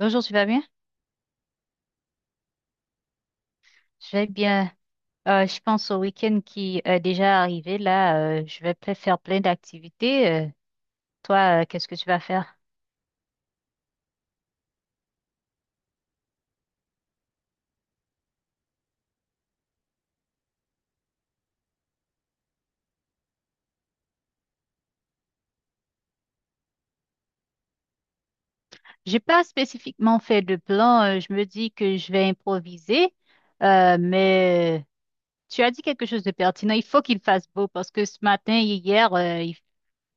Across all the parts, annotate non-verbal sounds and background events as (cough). Bonjour, tu vas bien? Je vais bien. Je pense au week-end qui est déjà arrivé. Là, je vais faire plein d'activités. Toi, qu'est-ce que tu vas faire? J'ai pas spécifiquement fait de plan. Je me dis que je vais improviser. Mais tu as dit quelque chose de pertinent. Il faut qu'il fasse beau parce que ce matin et hier,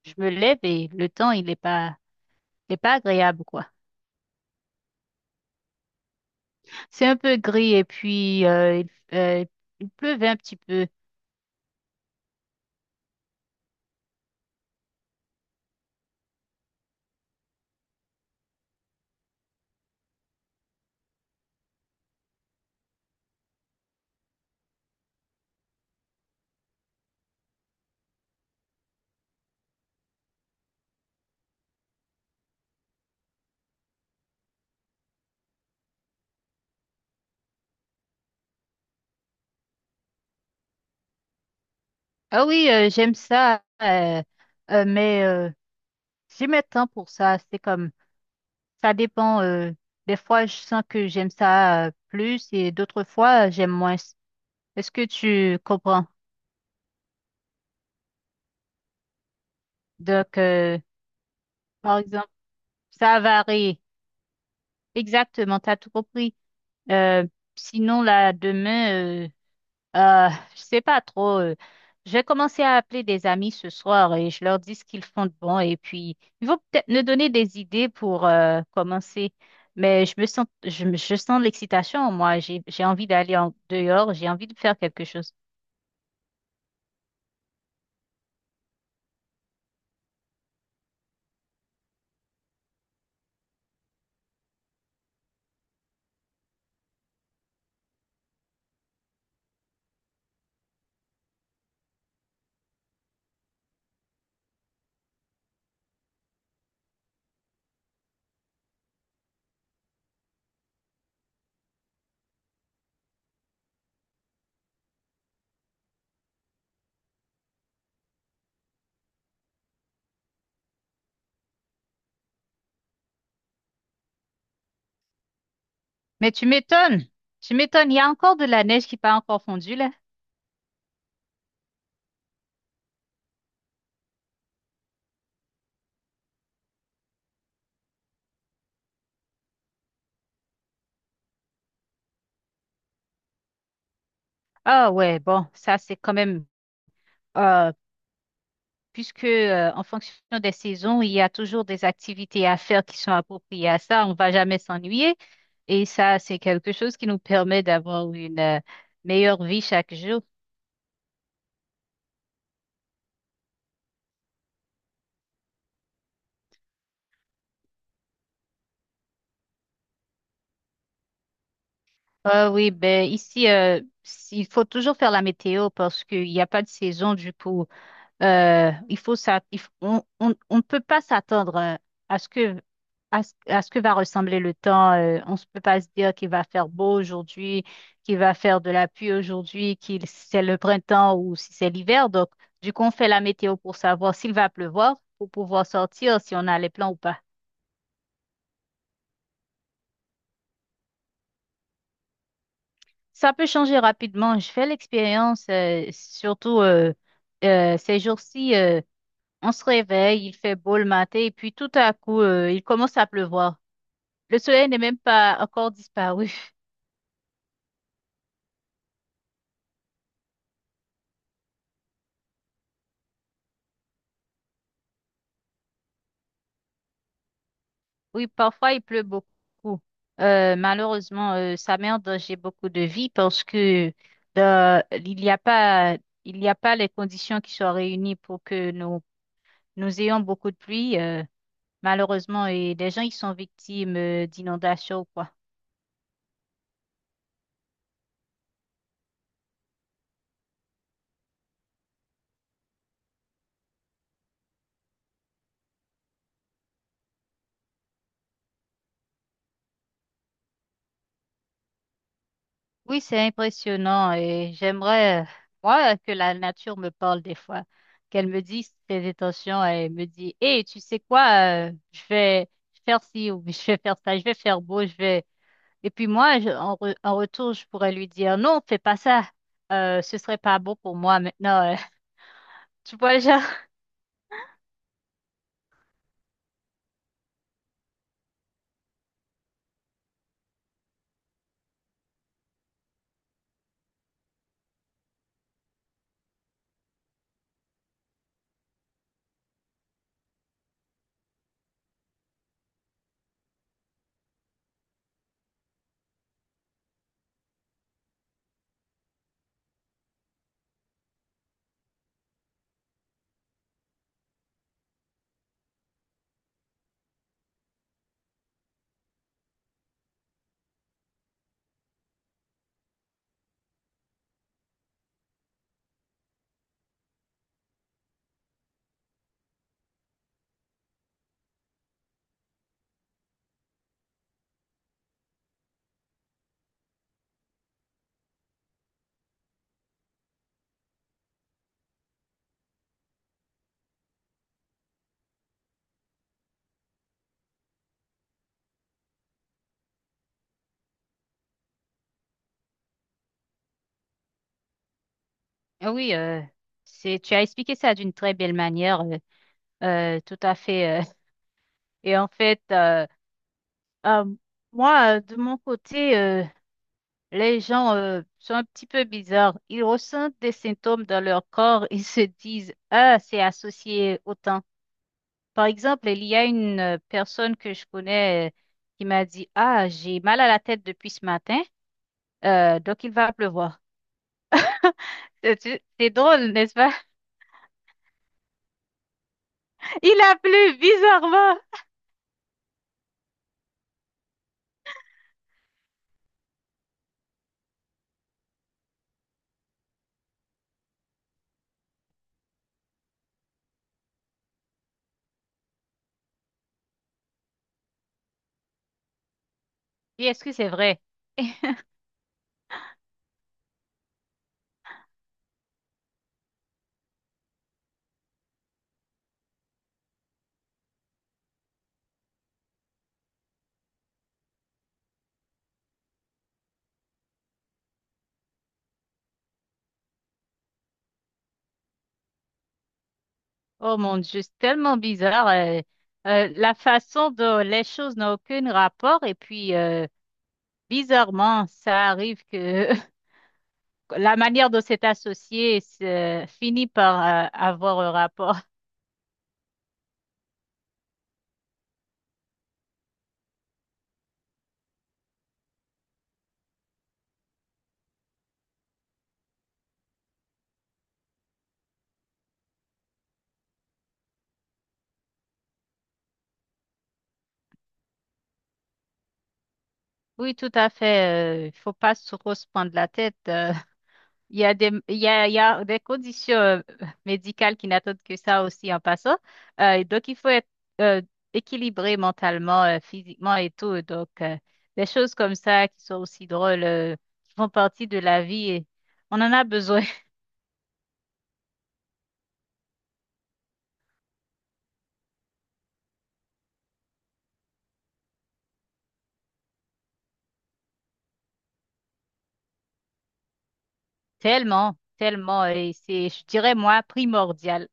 je me lève et le temps, il est pas agréable, quoi. C'est un peu gris et puis il euh, il pleuvait un petit peu. Ah oui, j'aime ça, euh, mais euh, j'ai mes temps pour ça. C'est comme, ça dépend. Des fois, je sens que j'aime ça plus et d'autres fois, j'aime moins. Est-ce que tu comprends? Donc, par exemple, ça varie. Exactement, t'as tout compris. Euh, Sinon, là, demain, Euh, je sais pas trop. Je vais commencer à appeler des amis ce soir et je leur dis ce qu'ils font de bon et puis ils vont peut-être me donner des idées pour commencer. Mais je me sens, je, me- je sens l'excitation en moi. J'ai envie d'aller en dehors, j'ai envie de faire quelque chose. Mais tu m'étonnes, tu m'étonnes. Il y a encore de la neige qui n'a pas encore fondu là. Ah ouais, bon, ça c'est quand même. euh, Puisque en fonction des saisons, il y a toujours des activités à faire qui sont appropriées à ça. On va jamais s'ennuyer. Et ça, c'est quelque chose qui nous permet d'avoir une meilleure vie chaque jour. Ah oui, ben ici, il faut toujours faire la météo parce qu'il n'y a pas de saison. Du coup, il faut ça, il f- on ne peut pas s'attendre à ce que à ce que va ressembler le temps. On ne peut pas se dire qu'il va faire beau aujourd'hui, qu'il va faire de la pluie aujourd'hui, qu'il si c'est le printemps ou si c'est l'hiver. Donc, du coup, on fait la météo pour savoir s'il va pleuvoir, pour pouvoir sortir, si on a les plans ou pas. Ça peut changer rapidement. Je fais l'expérience, surtout ces jours-ci. On se réveille, il fait beau le matin et puis tout à coup, il commence à pleuvoir. Le soleil n'est même pas encore disparu. (laughs) Oui, parfois il pleut beaucoup. Malheureusement, ça met en danger beaucoup de vie parce que euh, il n'y a pas, il n'y a pas les conditions qui sont réunies pour que nous, nous ayons beaucoup de pluie. Malheureusement, et les gens ils sont victimes d'inondations ou quoi. Oui, c'est impressionnant et j'aimerais, moi, que la nature me parle des fois, qu'elle me dise ses intentions et me dit, Hé, tu sais quoi, je vais faire ci ou je vais faire ça, je vais faire beau, je vais. Et puis moi, en retour, je pourrais lui dire, non, fais pas ça, ce serait pas beau pour moi maintenant. (laughs) Tu vois, genre. Ah oui, c'est, tu as expliqué ça d'une très belle manière, tout à fait. Et en fait, euh, moi, de mon côté. Les gens sont un petit peu bizarres. Ils ressentent des symptômes dans leur corps. Ils se disent, ah, c'est associé au temps. Par exemple, il y a une personne que je connais qui m'a dit, ah, j'ai mal à la tête depuis ce matin, donc il va pleuvoir. (laughs) C'est drôle, n'est-ce pas? (laughs) Il a plu bizarrement. Et est-ce que c'est vrai? Oh mon Dieu, c'est tellement bizarre. La façon dont les choses n'ont aucun rapport et puis bizarrement, ça arrive que (laughs) la manière dont c'est associé finit par avoir un rapport. (laughs) Oui, tout à fait. Il faut pas trop se prendre la tête. Il y a des conditions médicales qui n'attendent que ça aussi en passant. Et donc, il faut être euh, équilibré mentalement, physiquement et tout. Donc, des choses comme ça qui sont aussi drôles, qui font partie de la vie. Et on en a besoin (laughs) tellement, tellement. Et c'est, je dirais, moi, primordial.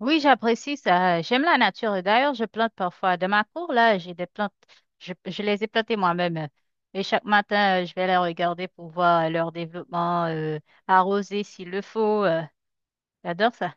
Oui, j'apprécie ça. J'aime la nature. Et d'ailleurs, je plante parfois. Dans ma cour, là, j'ai des plantes. Je les ai plantées moi-même. Et chaque matin, je vais les regarder pour voir leur développement, arroser s'il le faut. J'adore ça.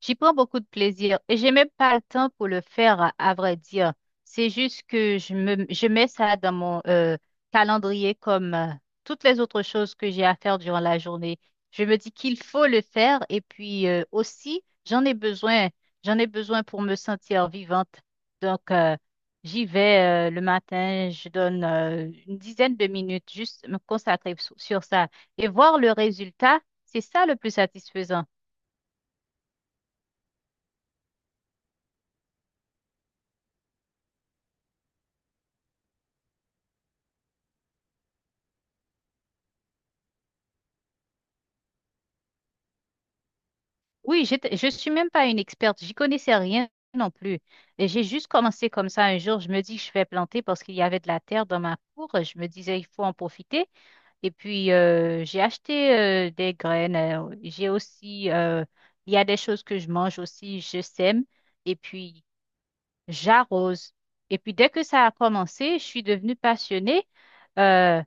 J'y prends beaucoup de plaisir et j'ai même pas le temps pour le faire, à vrai dire. C'est juste que je mets ça dans mon calendrier comme toutes les autres choses que j'ai à faire durant la journée. Je me dis qu'il faut le faire et puis aussi, j'en ai besoin. J'en ai besoin pour me sentir vivante. Donc, j'y vais le matin, je donne une dizaine de minutes juste me consacrer sur ça et voir le résultat, c'est ça le plus satisfaisant. Je ne suis même pas une experte, j'y connaissais rien non plus. Et j'ai juste commencé comme ça un jour, je me dis je vais planter parce qu'il y avait de la terre dans ma cour, je me disais il faut en profiter. Et puis j'ai acheté des graines, il y a des choses que je mange aussi, je sème. Et puis j'arrose. Et puis dès que ça a commencé, je suis devenue passionnée. Euh,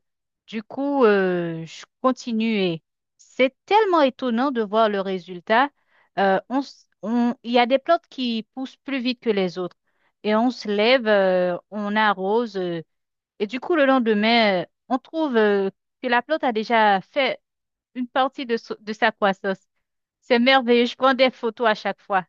du coup, je continuais. C'est tellement étonnant de voir le résultat. Il y a des plantes qui poussent plus vite que les autres. Et on se lève, on arrose. Et du coup, le lendemain, on trouve, que la plante a déjà fait une partie de, de sa croissance. C'est merveilleux. Je prends des photos à chaque fois.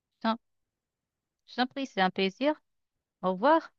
Je t'en je t'en prie, c'est un plaisir. Au revoir.